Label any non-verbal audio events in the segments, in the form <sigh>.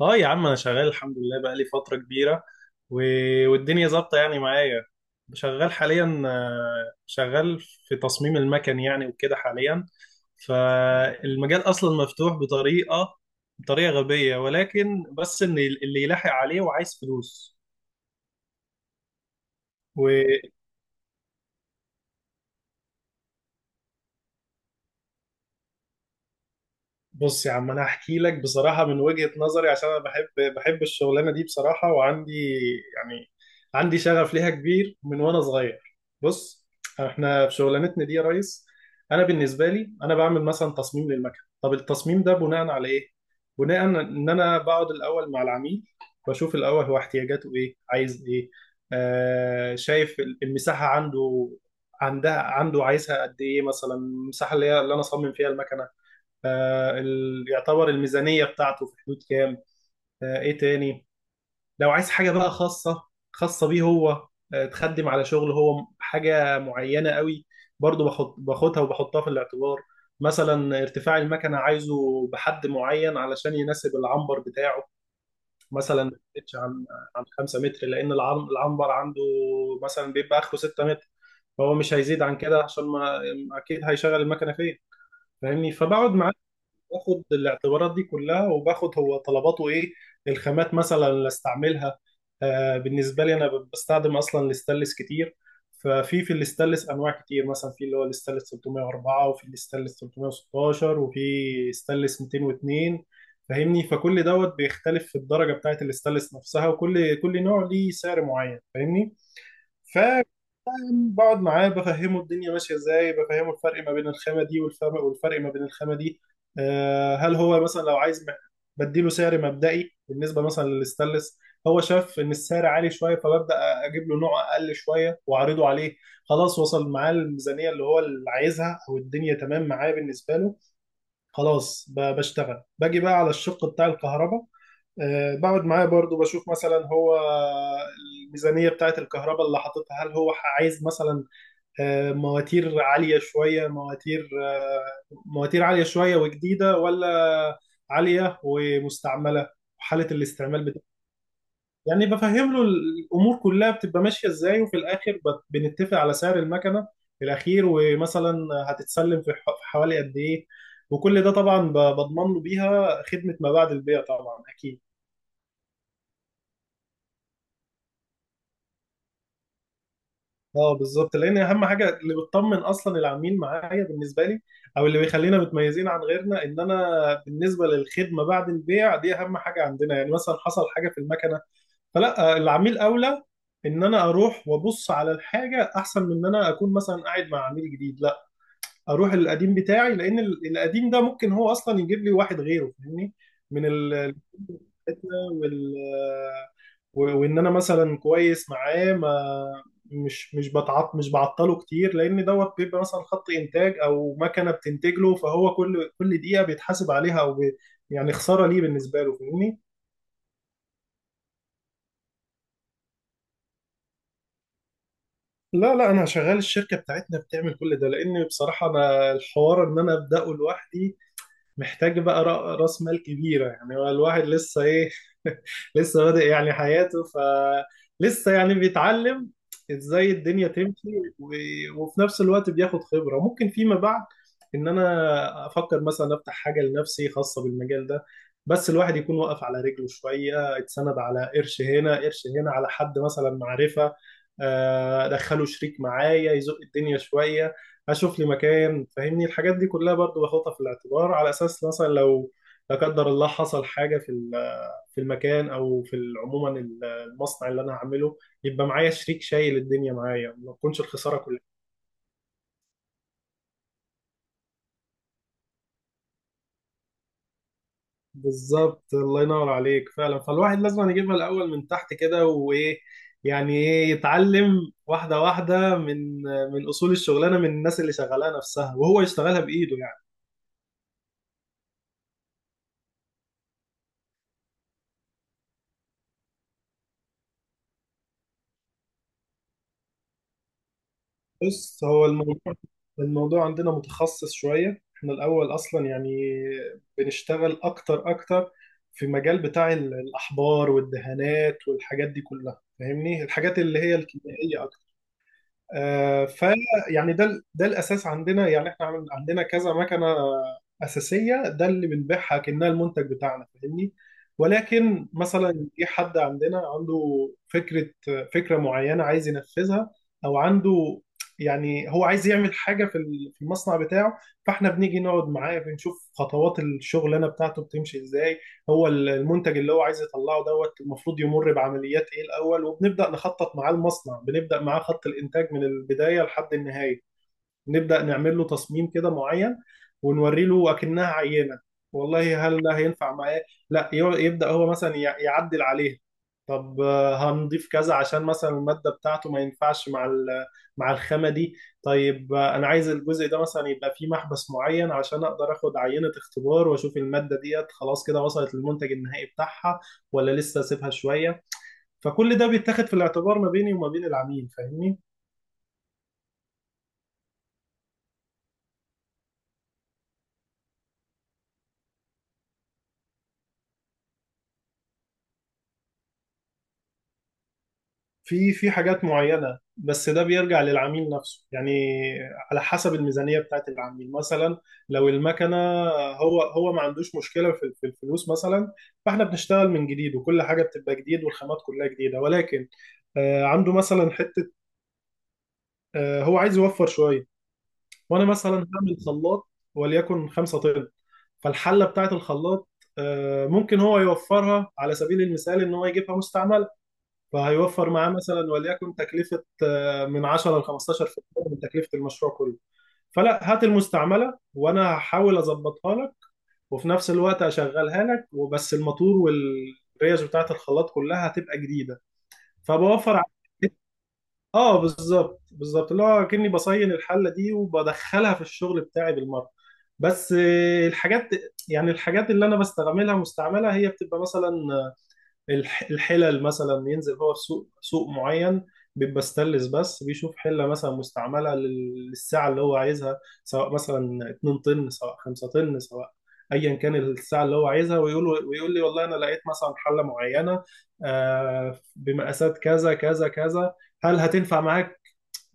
اه يا عم، انا شغال الحمد لله بقالي فترة كبيرة. و... والدنيا ظابطة يعني معايا. شغال حاليا، شغال في تصميم المكن يعني وكده حاليا. فالمجال اصلا مفتوح بطريقة غبية، ولكن بس ان اللي يلاحق عليه وعايز فلوس. بص يا عم، انا هحكي لك بصراحه من وجهه نظري عشان انا بحب الشغلانه دي بصراحه، وعندي يعني عندي شغف ليها كبير من وانا صغير. بص، احنا في شغلانتنا دي يا ريس، انا بالنسبه لي انا بعمل مثلا تصميم للمكن. طب التصميم ده بناء على ايه؟ بناء ان انا بقعد الاول مع العميل، بشوف الاول هو احتياجاته ايه، عايز ايه. آه شايف المساحه عنده عنده، عايزها قد ايه، مثلا المساحه اللي هي اللي انا اصمم فيها المكنه. يعتبر الميزانية بتاعته في حدود كام، ايه تاني. لو عايز حاجة بقى خاصة، خاصة بيه هو، تخدم على شغل هو حاجة معينة قوي، برضو باخدها وبحطها في الاعتبار. مثلا ارتفاع المكنة عايزه بحد معين علشان يناسب العنبر بتاعه، مثلا ما يزيدش عن 5 متر، لأن العنبر عنده مثلا بيبقى آخره 6 متر، فهو مش هيزيد عن كده. عشان ما أكيد هيشغل المكنة فين، فاهمني؟ فبقعد معاه، باخد الاعتبارات دي كلها، وباخد هو طلباته ايه، الخامات مثلا اللي استعملها. آه بالنسبه لي انا بستخدم اصلا الاستانلس كتير. ففي الاستانلس انواع كتير، مثلا في اللي هو الاستانلس 304، وفي الاستانلس 316، وفي استانلس 202. فاهمني؟ فكل دوت بيختلف في الدرجه بتاعت الاستانلس نفسها، وكل كل نوع ليه سعر معين، فاهمني؟ بقعد معاه بفهمه الدنيا ماشيه ازاي، بفهمه الفرق ما بين الخامه دي والفرق ما بين الخامه دي، هل هو مثلا لو عايز بديله سعر مبدئي بالنسبه مثلا للستانلس. هو شاف ان السعر عالي شويه، فببدا اجيب له نوع اقل شويه واعرضه عليه. خلاص وصل معاه الميزانيه اللي هو اللي عايزها او الدنيا تمام معاه بالنسبه له. خلاص، بشتغل باجي بقى على الشق بتاع الكهرباء. بقعد معاه برضو بشوف مثلا هو الميزانية بتاعت الكهرباء اللي حاططها، هل هو عايز مثلا، مواتير عالية شوية، مواتير، مواتير عالية شوية وجديدة، ولا عالية ومستعملة، حالة الاستعمال بتاعها. يعني بفهم له الأمور كلها بتبقى ماشية إزاي، وفي الآخر بنتفق على سعر المكنة الأخير، ومثلا هتتسلم في في حوالي قد إيه. وكل ده طبعا بضمن له بيها خدمة ما بعد البيع طبعا، أكيد. اه بالظبط، لان اهم حاجه اللي بتطمن اصلا العميل معايا بالنسبه لي، او اللي بيخلينا متميزين عن غيرنا، ان انا بالنسبه للخدمه بعد البيع دي اهم حاجه عندنا. يعني مثلا حصل حاجه في المكنه، فلا، العميل اولى، ان انا اروح وابص على الحاجه احسن من ان انا اكون مثلا قاعد مع عميل جديد. لا، اروح القديم بتاعي، لان القديم ده ممكن هو اصلا يجيب لي واحد غيره، فاهمني؟ من ال- وال و- وان انا مثلا كويس معاه، ما مش مش بتعط مش بعطله كتير، لان دوت بيبقى مثلا خط انتاج او مكنه بتنتج له، فهو كل دقيقه بيتحاسب عليها، او بي يعني خساره ليه بالنسبه له، فاهمني؟ لا لا انا شغال، الشركه بتاعتنا بتعمل كل ده، لان بصراحه انا الحوار ان انا ابداه لوحدي محتاج بقى راس مال كبيرة. يعني هو الواحد لسه ايه، <laughs> لسه بادئ يعني حياته، فلسه يعني بيتعلم ازاي الدنيا تمشي. وفي نفس الوقت بياخد خبرة، ممكن فيما بعد ان انا افكر مثلا افتح حاجة لنفسي خاصة بالمجال ده. بس الواحد يكون واقف على رجله شوية، اتسند على قرش هنا قرش هنا، على حد مثلا معرفة، ادخله شريك معايا، يزق الدنيا شوية، اشوف لي مكان، فاهمني؟ الحاجات دي كلها برضو باخدها في الاعتبار، على اساس مثلا لو لا قدر الله حصل حاجه في في المكان، او في عموما المصنع اللي انا هعمله، يبقى معايا شريك شايل الدنيا معايا، ما تكونش الخساره كلها. بالظبط، الله ينور عليك فعلا، فالواحد لازم يجيبها الاول من تحت كده وايه، يعني ايه، يتعلم واحده واحده من اصول الشغلانه، من الناس اللي شغالها نفسها، وهو يشتغلها بايده يعني. بص هو الموضوع عندنا متخصص شوية. احنا الأول أصلا يعني بنشتغل أكتر أكتر في مجال بتاع الأحبار والدهانات والحاجات دي كلها، فاهمني؟ الحاجات اللي هي الكيميائية. آه، ف يعني ده ده الاساس عندنا. يعني احنا عندنا كذا مكنه اساسيه ده اللي بنبيعها كانها المنتج بتاعنا، فاهمني؟ ولكن مثلا جه حد عندنا عنده فكره فكره معينه عايز ينفذها، او عنده يعني هو عايز يعمل حاجه في في المصنع بتاعه. فاحنا بنيجي نقعد معاه، بنشوف خطوات الشغلانه بتاعته بتمشي ازاي، هو المنتج اللي هو عايز يطلعه دوت المفروض يمر بعمليات ايه الاول، وبنبدا نخطط معاه المصنع، بنبدا معاه خط الانتاج من البدايه لحد النهايه. نبدأ نعمل له تصميم كده معين، ونوري له أكنها عينة، والله هل ده هينفع معاه. لا، يبدأ هو مثلا يعدل عليها. طب، هنضيف كذا عشان مثلا المادة بتاعته ما ينفعش مع مع الخامة دي. طيب، أنا عايز الجزء ده مثلا يبقى فيه محبس معين عشان أقدر أخد عينة اختبار، وأشوف المادة ديت خلاص كده وصلت للمنتج النهائي بتاعها، ولا لسه أسيبها شوية. فكل ده بيتاخد في الاعتبار ما بيني وما بين العميل، فاهمني؟ في حاجات معينة، بس ده بيرجع للعميل نفسه يعني، على حسب الميزانية بتاعت العميل. مثلا لو المكنة، هو ما عندوش مشكلة في الفلوس مثلا، فاحنا بنشتغل من جديد، وكل حاجة بتبقى جديد، والخامات كلها جديدة. ولكن عنده مثلا حتة، هو عايز يوفر شوية. وانا مثلا هعمل خلاط وليكن 5 طن، فالحلة بتاعت الخلاط، ممكن هو يوفرها على سبيل المثال، ان هو يجيبها مستعملة. فهيوفر معاه مثلا وليكن تكلفة، من 10 ل 15% من تكلفة المشروع كله. فلا، هات المستعملة وأنا هحاول أظبطها لك، وفي نفس الوقت أشغلها لك، وبس الماتور والريش بتاعة الخلاط كلها هتبقى جديدة، فبوفر عليك. اه بالظبط بالظبط، اللي هو كأني بصين الحلة دي وبدخلها في الشغل بتاعي بالمرة. بس الحاجات، يعني الحاجات اللي أنا بستعملها مستعملة، هي بتبقى مثلا الحلل، مثلا ينزل هو في سوق معين بيبقى ستانلس بس، بيشوف حله مثلا مستعمله للساعه اللي هو عايزها، سواء مثلا 2 طن، سواء 5 طن، سواء ايا كان الساعه اللي هو عايزها. ويقول لي والله انا لقيت مثلا حله معينه بمقاسات كذا كذا كذا، هل هتنفع معاك؟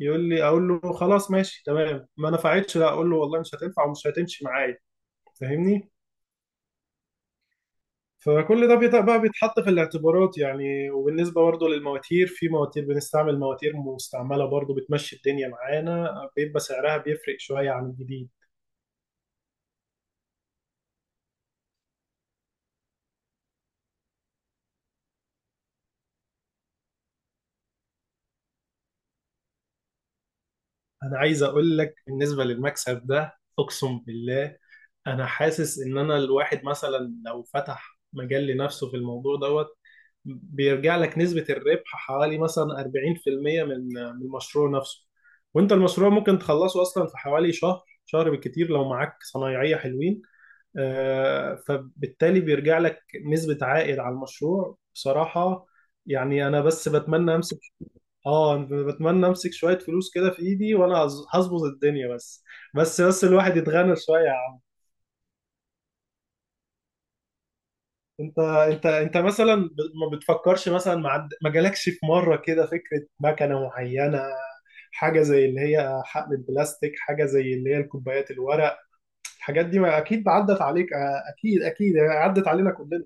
يقول لي، اقول له خلاص ماشي تمام. ما نفعتش، لا، اقول له والله مش هتنفع ومش هتمشي معايا، فاهمني؟ فكل ده بقى بيتحط في الاعتبارات يعني. وبالنسبة برضه للمواتير، في مواتير بنستعمل مواتير مستعملة برضه بتمشي الدنيا معانا، بيبقى سعرها بيفرق شوية عن الجديد. أنا عايز أقول لك بالنسبة للمكسب ده، أقسم بالله أنا حاسس إن أنا الواحد مثلا لو فتح مجال لنفسه في الموضوع دوت، بيرجع لك نسبة الربح حوالي مثلا 40% من المشروع نفسه. وأنت المشروع ممكن تخلصه أصلا في حوالي شهر بالكتير لو معاك صنايعية حلوين. فبالتالي بيرجع لك نسبة عائد على المشروع بصراحة. يعني انا بس بتمنى امسك. اه أنا بتمنى امسك شوية فلوس كده في ايدي، وانا هظبط الدنيا بس الواحد يتغنى شوية يا عم. انت مثلا ما بتفكرش مثلا، ما جالكش في مرة كده فكرة مكنة معينة، حاجة زي اللي هي حقل البلاستيك، حاجة زي اللي هي الكوبايات الورق؟ الحاجات دي ما اكيد عدت عليك، اكيد اكيد يعني عدت علينا كلنا.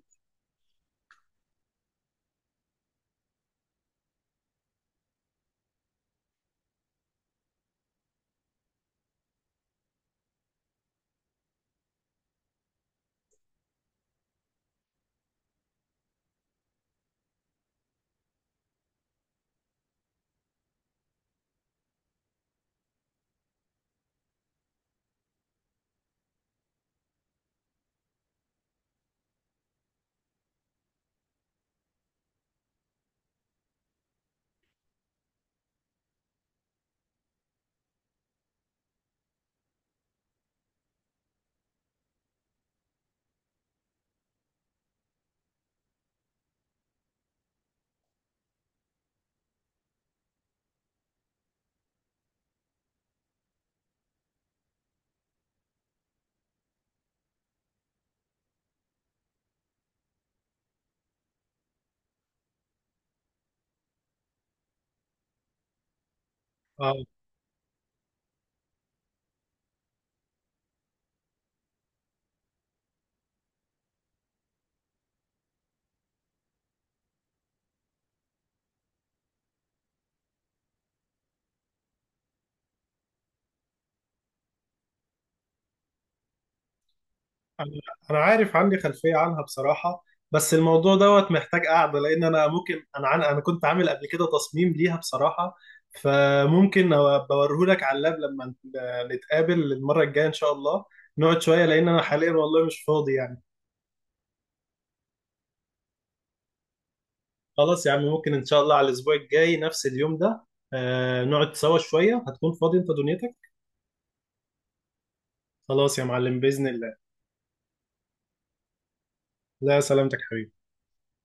أنا أنا عارف عندي خلفية عنها بصراحة. بس الموضوع دوت محتاج قعدة، لأن أنا ممكن أنا أنا كنت عامل قبل كده تصميم ليها بصراحة. فممكن بوريهولك على اللاب لما نتقابل المرة الجاية إن شاء الله، نقعد شوية، لأن أنا حاليا والله مش فاضي يعني. خلاص يا عم، ممكن إن شاء الله على الأسبوع الجاي نفس اليوم ده، نقعد سوا شوية. هتكون فاضي أنت دنيتك؟ خلاص يا معلم بإذن الله. لا، سلامتك حبيبي.